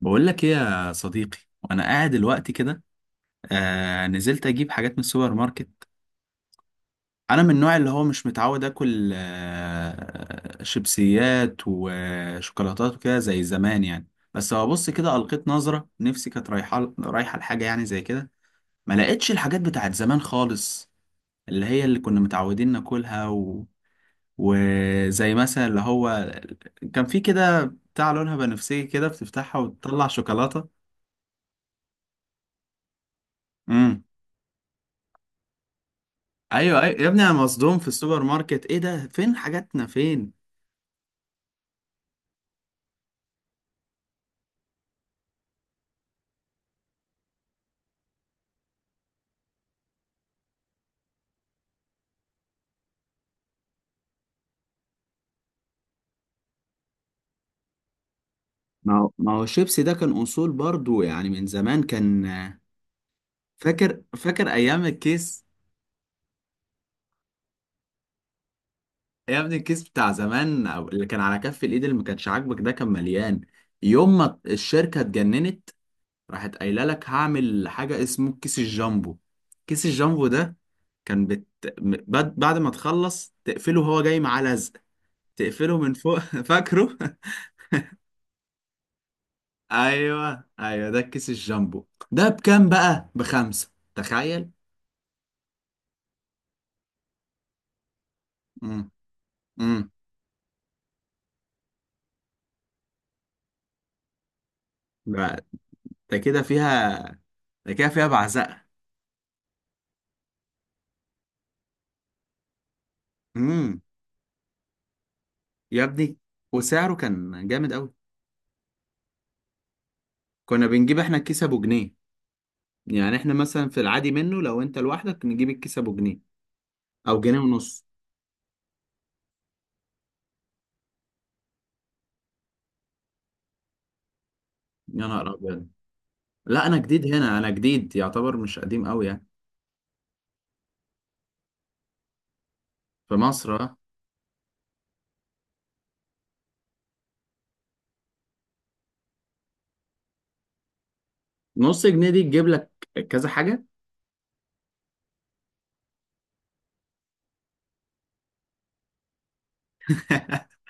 بقول لك ايه يا صديقي، وانا قاعد دلوقتي كده. نزلت اجيب حاجات من السوبر ماركت. انا من النوع اللي هو مش متعود اكل شيبسيات وشوكولاتات وكده زي زمان يعني. بس هو بص كده القيت نظرة نفسي كانت رايحه لحاجه يعني زي كده، ما لقيتش الحاجات بتاعت زمان خالص، اللي هي اللي كنا متعودين ناكلها و... وزي مثلا اللي هو كان في كده بتاع لونها بنفسجي كده بتفتحها وتطلع شوكولاتة. امم ايوه ايوه يا ابني، انا مصدوم في السوبر ماركت، ايه ده، فين حاجاتنا فين؟ ما هو الشيبسي ده كان اصول برضو يعني، من زمان كان. فاكر فاكر ايام الكيس. يا ابني الكيس بتاع زمان او اللي كان على كف الايد اللي ما كانش عاجبك ده كان مليان. يوم ما الشركه اتجننت راحت قايله لك هعمل حاجه اسمه كيس الجامبو. كيس الجامبو ده كان بت... بعد ما تخلص تقفله وهو جاي معاه لزق، تقفله من فوق فاكره. ايوه ايوه ده الكيس الجامبو. ده بكام بقى؟ بخمسة، تخيل. امم امم ده ده كده فيها ده كده فيها بعزقة. امم يا ابني، وسعره كان جامد قوي. كنا بنجيب احنا الكيس ابو جنيه، يعني احنا مثلا في العادي منه لو انت لوحدك نجيب الكيس ابو جنيه او جنيه ونص. يا نهار ابيض! لا انا جديد هنا، انا جديد يعتبر، مش قديم قوي يعني. في مصر، اه. نص جنيه دي تجيب لك كذا حاجة.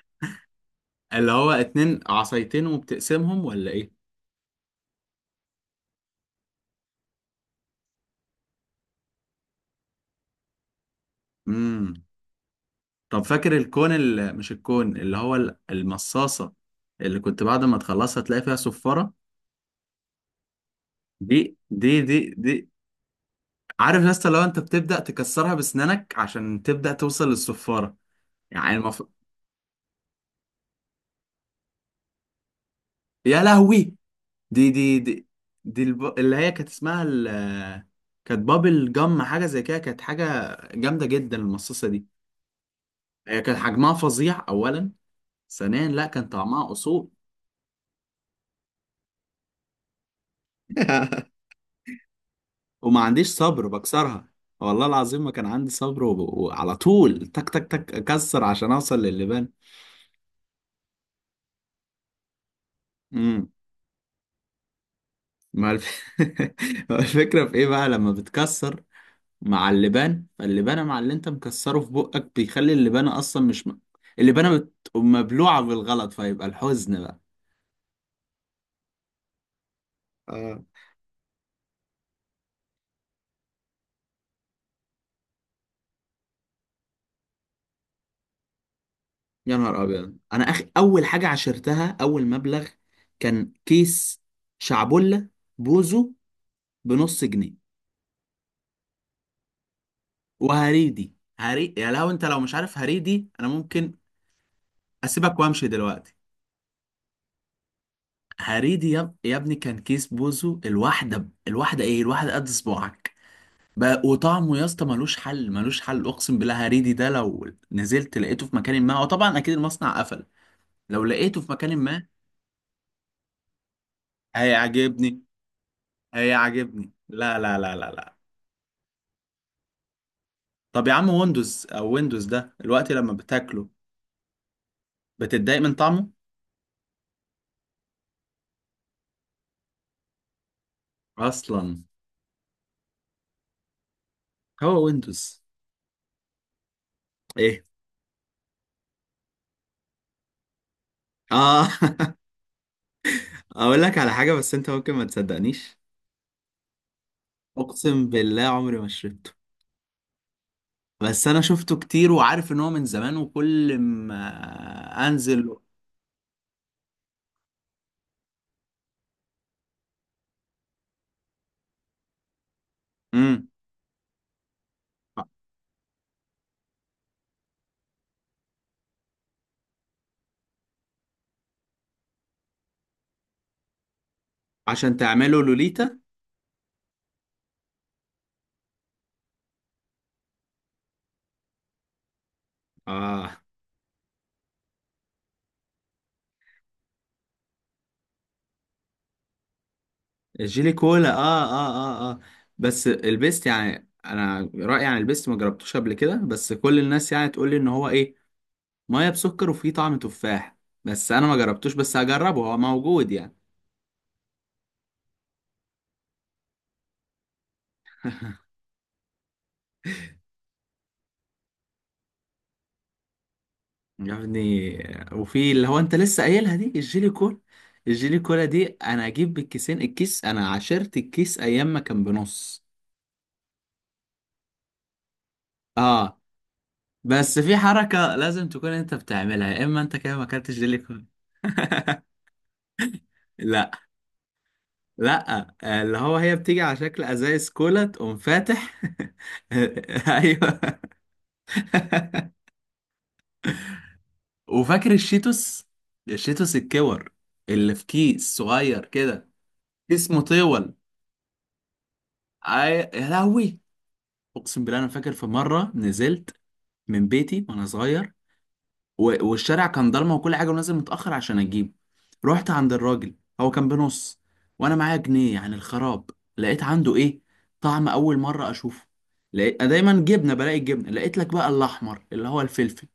اللي هو اتنين عصايتين وبتقسمهم ولا ايه؟ امم طب فاكر الكون، اللي مش الكون، اللي هو المصاصة اللي كنت بعد ما تخلصها تلاقي فيها صفارة. دي دي. عارف يا اسطى لو انت بتبدأ تكسرها بسنانك عشان تبدأ توصل للصفارة، يعني المفروض. يا لهوي! دي دي اللي هي كانت اسمها كانت بابل جم حاجة زي كده، كانت حاجة جامدة جدا المصاصة دي. هي كان حجمها فظيع أولا، ثانيا لا كان طعمها أصول. وما عنديش صبر بكسرها. والله العظيم ما كان عندي صبر، وعلى طول تك تك تك اكسر عشان اوصل للبان. امم ما الف... ما الفكره في ايه بقى لما بتكسر مع اللبان، فاللبانه مع اللي انت مكسره في بقك بيخلي اللبانه اصلا مش م... اللبانه مبلوعه بالغلط، فيبقى الحزن بقى. آه. يا نهار ابيض! انا اخ، اول حاجه عشرتها، اول مبلغ كان كيس شعبولة بوزو بنص جنيه. وهريدي. هري، يا لو انت لو مش عارف هريدي انا ممكن اسيبك وامشي دلوقتي. هريدي يا ابني كان كيس بوزو الواحده الواحده ايه، الواحده قد صباعك بقى. وطعمه يا اسطى ملوش حل، ملوش حل، اقسم بالله. هريدي ده لو نزلت لقيته في مكان، ما هو طبعا اكيد المصنع قفل، لو لقيته في مكان ما... هيعجبني هيعجبني، لا لا لا لا لا. طب يا عم ويندوز، او ويندوز ده الوقت لما بتاكله بتتضايق من طعمه اصلا؟ هو ويندوز ايه؟ اه. اقول لك على حاجة بس انت ممكن ما تصدقنيش. اقسم بالله عمري ما شربته، بس انا شفته كتير وعارف ان هو من زمان وكل ما انزل. امم عشان تعمله لوليتا. اه. الجيلي كولا، اه اه اه اه. بس البيست يعني، انا رأيي عن البيست، ما جربتوش قبل كده، بس كل الناس يعني تقول لي ان هو ايه، ميه بسكر وفيه طعم تفاح. بس انا ما جربتوش، بس هجربه، هو موجود يعني. يا ابني وفي اللي هو انت لسه قايلها دي الجيلي كولا. الجيلي كولا دي انا اجيب بالكيسين، الكيس انا عشرت الكيس ايام ما كان بنص. اه. بس في حركة لازم تكون انت بتعملها، يا اما انت كده ما اكلتش جيلي كولا. لا. لا آه، اللي هو هي بتيجي على شكل ازايز كولا تقوم فاتح ايوه. وفاكر الشيتوس؟ الشيتوس الكور اللي في كيس صغير كده، كيس مطول. أي... يا لهوي! اقسم بالله انا فاكر في مره نزلت من بيتي وانا صغير والشارع كان ضلمه وكل حاجه ونازل متاخر عشان اجيبه. رحت عند الراجل، هو كان بنص وانا معايا جنيه، يعني الخراب. لقيت عنده ايه؟ طعم اول مره اشوفه. لقيت، أنا دايما جبنه بلاقي الجبنه، لقيت لك بقى الاحمر اللي هو الفلفل.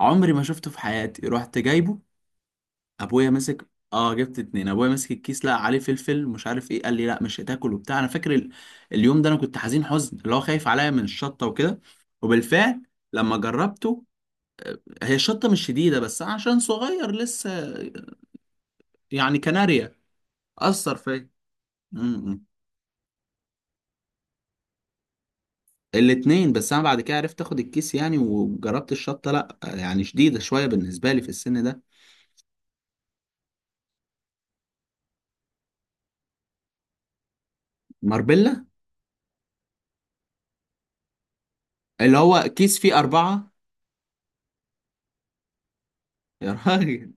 عمري ما شفته في حياتي. رحت جايبه، ابويا ماسك، اه جبت اتنين، ابويا ماسك الكيس لقى عليه فلفل مش عارف ايه، قال لي لا مش هتاكل وبتاع. انا فاكر اليوم ده انا كنت حزين حزن، اللي هو خايف عليا من الشطه وكده. وبالفعل لما جربته، آه، هي الشطه مش شديده بس أنا عشان صغير لسه، يعني كناريا، اثر فيا. امم الاتنين. بس انا بعد كده عرفت اخد الكيس يعني وجربت الشطه، لا آه، يعني شديده شويه بالنسبه لي في السن ده. ماربيلا، اللي هو كيس فيه اربعه. يا راجل!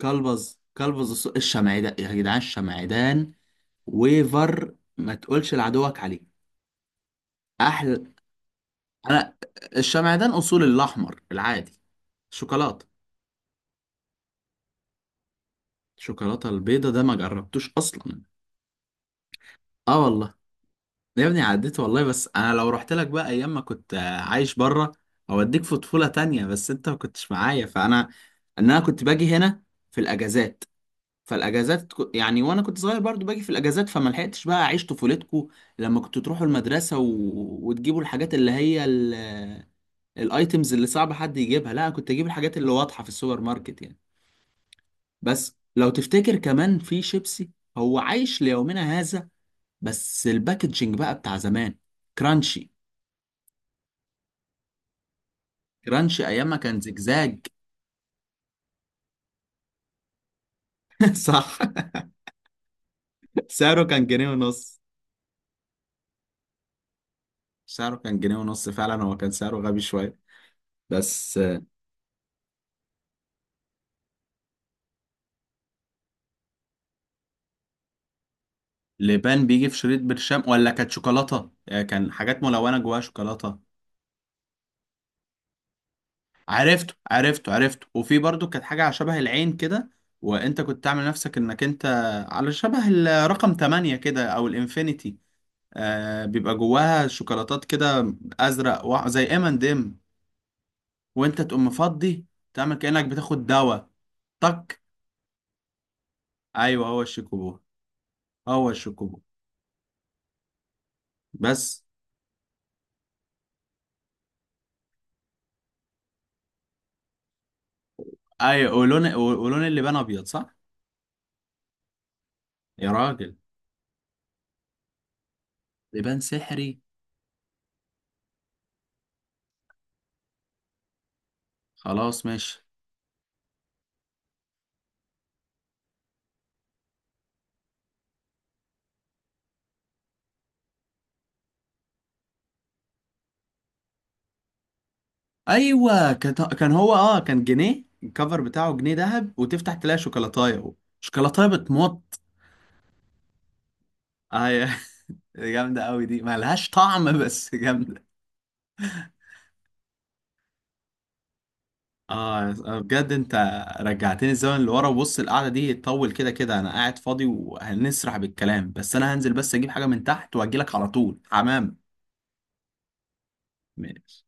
كلبز، كلبز الشمعدان، يا جدعان الشمعدان. ويفر ما تقولش لعدوك عليه. احلى؟ انا الشمعدان اصول، الاحمر العادي، شوكولاته. الشوكولاته البيضه ده ما جربتوش اصلا. اه والله. يا ابني عديت والله، بس انا لو رحت لك بقى ايام ما كنت آه، عايش بره، اوديك في طفوله تانية. بس انت ما كنتش معايا، فانا انا كنت باجي هنا في الاجازات. فالاجازات يعني، وانا كنت صغير برضو باجي في الاجازات، فما لحقتش بقى اعيش طفولتكو لما كنتوا تروحوا المدرسه و... وتجيبوا الحاجات اللي هي الايتمز اللي صعب حد يجيبها. لا كنت اجيب الحاجات اللي واضحه في السوبر ماركت يعني. بس لو تفتكر كمان في شيبسي هو عايش ليومنا هذا، بس الباكجينج بقى بتاع زمان. كرانشي. كرانشي ايام ما كان زجزاج. صح. سعره كان جنيه ونص. سعره كان جنيه ونص فعلا، هو كان سعره غبي شويه، بس... لبان بيجي في شريط برشام، ولا كانت شوكولاتة، آه، كان حاجات ملونة جواها شوكولاتة. عرفته عرفته عرفته. وفي برضو كانت حاجة على شبه العين كده، وانت كنت تعمل نفسك انك انت، على شبه الرقم 8 كده او الانفينيتي. آه بيبقى جواها شوكولاتات كده، ازرق زي ام اند ام، وانت تقوم مفضي تعمل كأنك بتاخد دواء. طك. ايوه هو الشيكوبو، هو الشيكوبو. بس. ايوه، ولون ولون اللبان ابيض صح؟ يا راجل! لبان سحري. خلاص ماشي. ايوه كان هو اه كان جنيه، الكفر بتاعه جنيه ذهب، وتفتح تلاقي شوكولاتايه. شوكولاتايه بتمط. ايوه. جامده قوي دي، ملهاش طعم بس جامده. اه بجد انت رجعتني الزمن اللي ورا. وبص القعده دي تطول، كده كده انا قاعد فاضي وهنسرح بالكلام، بس انا هنزل بس اجيب حاجه من تحت واجيلك على طول، حمام. ماشي.